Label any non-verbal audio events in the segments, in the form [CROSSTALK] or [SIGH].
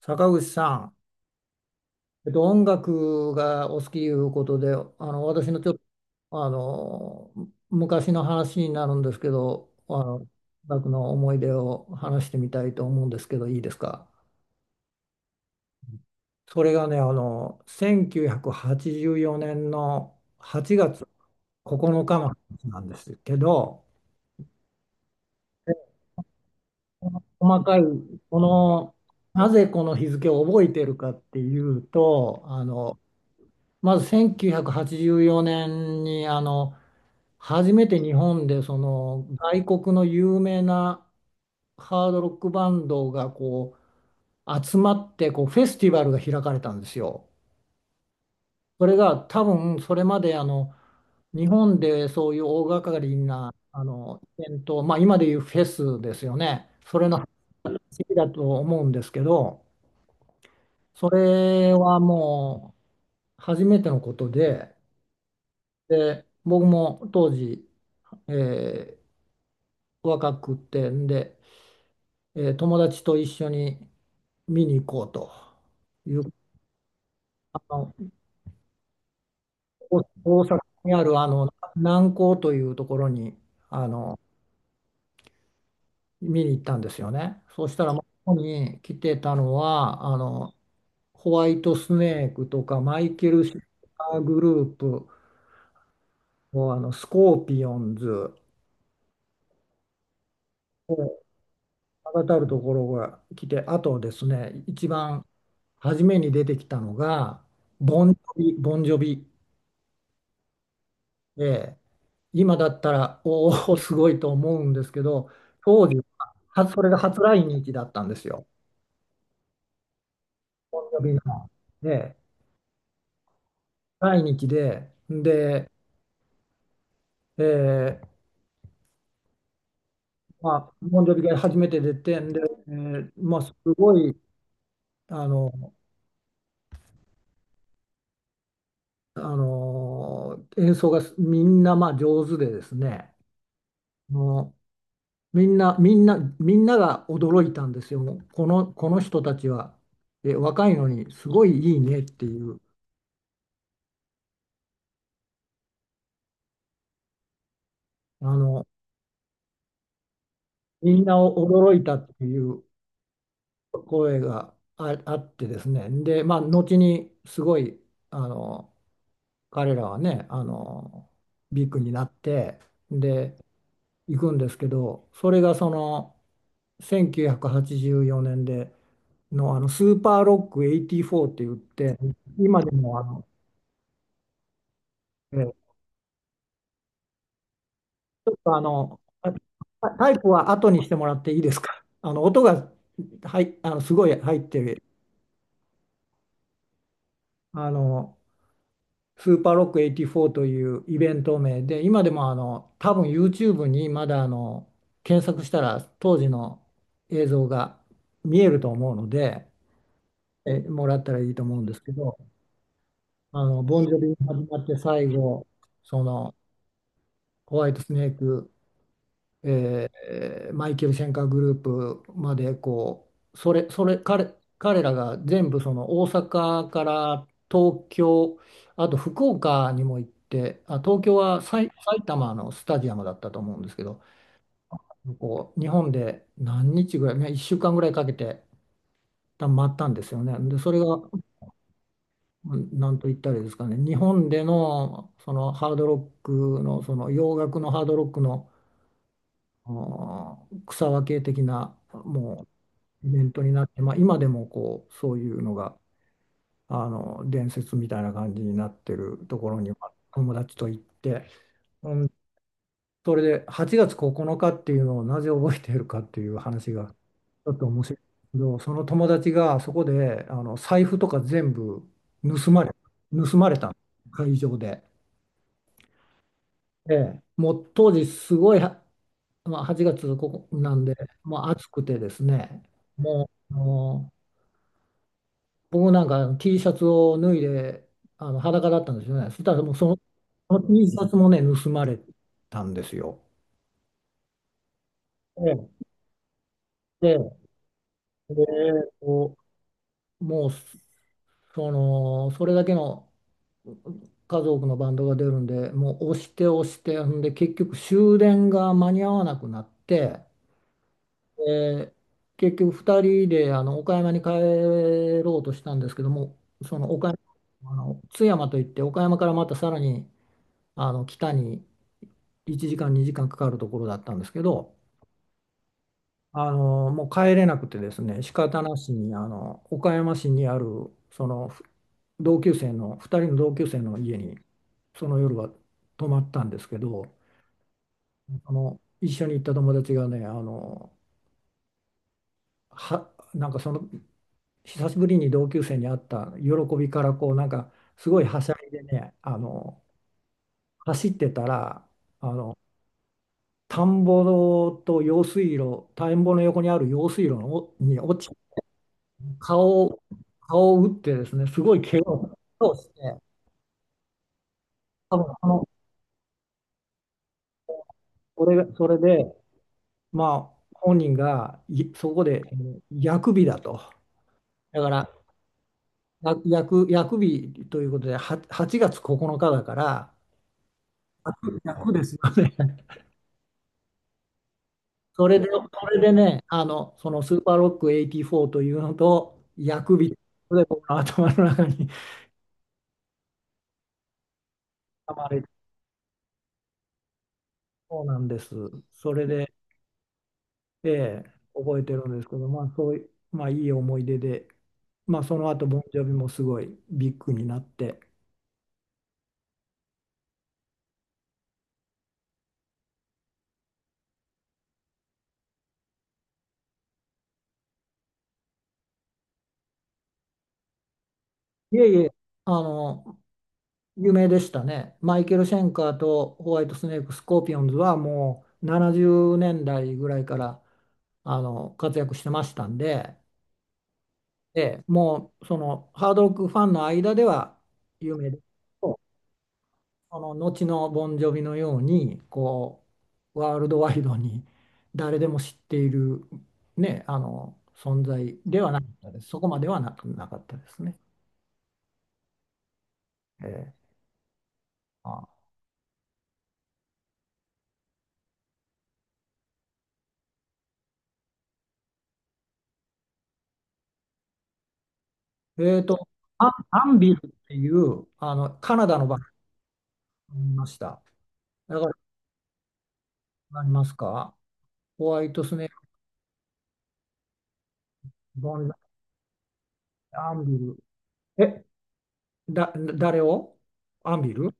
坂口さん、音楽がお好きいうことで、私のちょっとあの昔の話になるんですけど、音楽の思い出を話してみたいと思うんですけど、いいですか。それがね、1984年の8月9日のかの話なんですけど、細かい。この、なぜこの日付を覚えてるかっていうと、まず1984年に初めて日本でその外国の有名なハードロックバンドがこう集まってこうフェスティバルが開かれたんですよ。それが多分それまで日本でそういう大掛かりなイベント、まあ、今でいうフェスですよね。それの話だと思うんですけど、それはもう初めてのことで、で僕も当時えー若くてんで、友達と一緒に見に行こうという、あの大阪にある南港というところにあの見に行ったんですよね。そうしたら、まあ、ここに来てたのはホワイトスネークとかマイケル・シルバーグループ、もうスコーピオンズがたるところが来て、あとですね、一番初めに出てきたのが、ボンジョビで、今だったら、おお、すごいと思うんですけど、当時は、それが初来日だったんですよ。ボンジョビので、来日で、で、えーまあ、ボンジョビが初めて出て、で、まあ、すごい、あの、あの演奏がみんなまあ上手でですね、あのみんなが驚いたんですよ。この人たちは、若いのにすごいいいねっていう、あの、みんなを驚いたっていう声があってですね。で、まあ、後にすごい、あの、彼らはね、ビッグになって、で、行くんですけど、それがその、1984年での、スーパーロック84って言って、今でもあの、えあの、あタイプは後にしてもらっていいですか。あの音が、はい、すごい入ってる。あのスーパーロック84というイベント名で、今でも多分 YouTube にまだ検索したら当時の映像が見えると思うので、もらったらいいと思うんですけど、ボンジョビに始まって最後そのホワイトスネーク、マイケル・シェンカーグループまで、こうそれそれ彼、彼らが全部その大阪から東京、あと福岡にも行って、東京は埼玉のスタジアムだったと思うんですけど、こう日本で何日ぐらい、ね、1週間ぐらいかけて多分回ったんですよね。でそれが、うん、なんと言ったらいいですかね、日本での、そのハードロックの、その洋楽のハードロックの、あ草分け的なイベントになって、まあ、今でもこうそういうのが伝説みたいな感じになってるところにまあ友達と行って、うん、それで8月9日っていうのをなぜ覚えているかっていう話がちょっと面白いんですけど、その友達がそこで財布とか全部盗まれ、盗まれた、会場で。ええ、もう当時すごい、まあ、8月ここなんで、もう暑くてですね、もう、僕なんか T シャツを脱いで裸だったんですよね。そしたら、もうその T シャツもね、盗まれたんですよ。ええ、で、でこうもうそれだけの数多くのバンドが出るんで、もう押して押して、ほんで結局終電が間に合わなくなって、で結局2人で岡山に帰ろうとしたんですけども、その岡山、津山といって、岡山からまたさらに北に1時間2時間かかるところだったんですけど、もう帰れなくてですね、仕方なしに岡山市にあるその同級生の、2人の同級生の家にその夜は泊まったんですけど、一緒に行った友達がね、あのはなんかその久しぶりに同級生に会った喜びからこうなんかすごいはしゃいでね、走ってたらあの田んぼと用水路、田んぼの横にある用水路のに落ち、顔を、顔を打ってですね、すごい怪我をして、多分その、それが、それで、まあ、本人がいそこで薬日だと。だから、や薬日ということで、8月9日だから、薬薬ですよね。[LAUGHS] それで、ね、そのスーパーロック84というのと、薬日で僕の頭の中に。 [LAUGHS]。溜まれ、そうなんです。それで、ええ、覚えてるんですけど、まあ、そういう、まあ、いい思い出で、まあ、その後、ボンジョビもすごいビッグになって、いえいえ、あの、有名でしたね。マイケル・シェンカーとホワイトスネーク、スコーピオンズはもう70年代ぐらいから活躍してましたんで、ええ、もうそのハードロックファンの間では有名です。その後のボンジョビのようにこうワールドワイドに誰でも知っている、ね、あの存在ではなかったです。そこまではなく、なかったですね。えー、あ、えーと、アンビルっていうカナダのバンドにいました。だから、ありますか、ホワイトスネーク、ボンジョビ、アンビル。え、だ、誰をアンビル、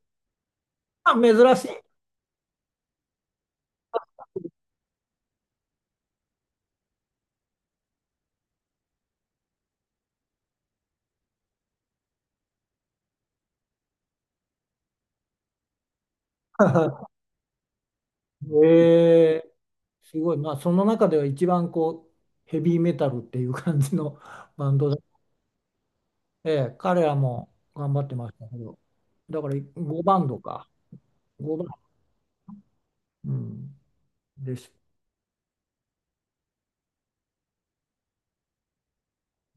珍しい。[LAUGHS] えーすごい、まあ、その中では一番こうヘビーメタルっていう感じの [LAUGHS] バンドで、ええ、彼らも頑張ってましたけど、だから5バンドか、5バンド、うん、です。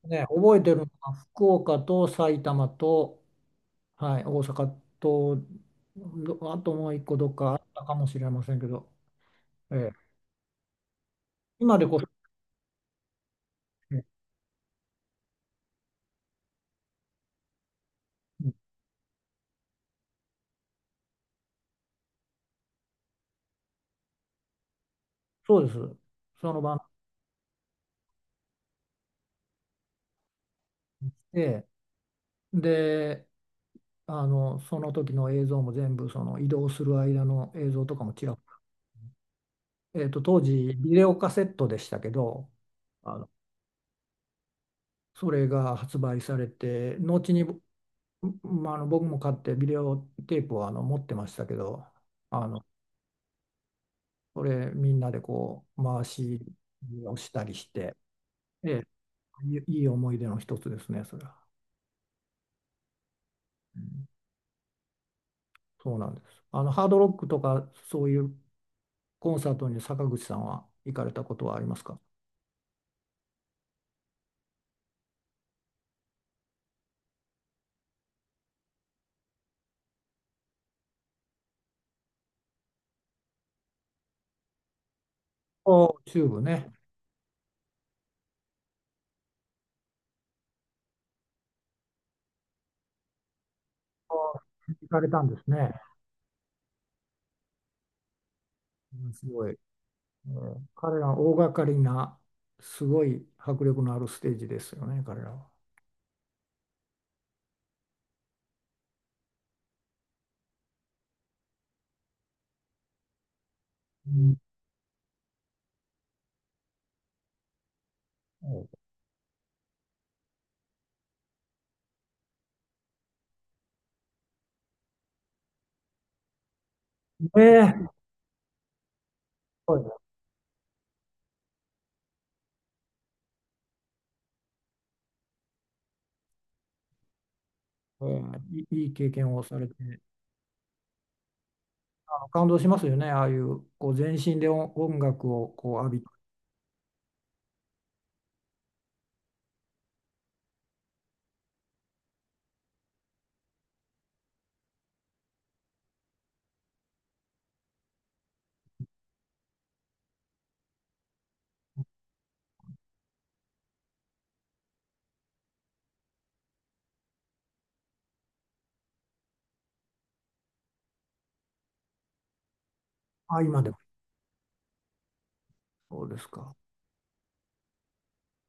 ね、覚えてるのは福岡と埼玉と、はい、大阪と、あと、もう一個どっかあったかもしれませんけど、ええ、今でこそ、うん、そうです、そのバンドで。で、その時の映像も全部、その移動する間の映像とかも当時ビデオカセットでしたけど、あのそれが発売されて後に、まあ、僕も買ってビデオテープを持ってましたけど、あのそれみんなでこう回しをしたりして、ええ、いい思い出の一つですねそれは。うん、そうなんです、ハードロックとかそういうコンサートに坂口さんは行かれたことはありますか。お、チューブね。あ行かれたんですね。うん、すごい。彼らは大掛かりな、すごい迫力のあるステージですよね、彼らは。うん、ええ、すごい、ええーいいいい経験をされて、感動しますよね、ああいうこう全身で音楽をこう浴び、今でもそうですか。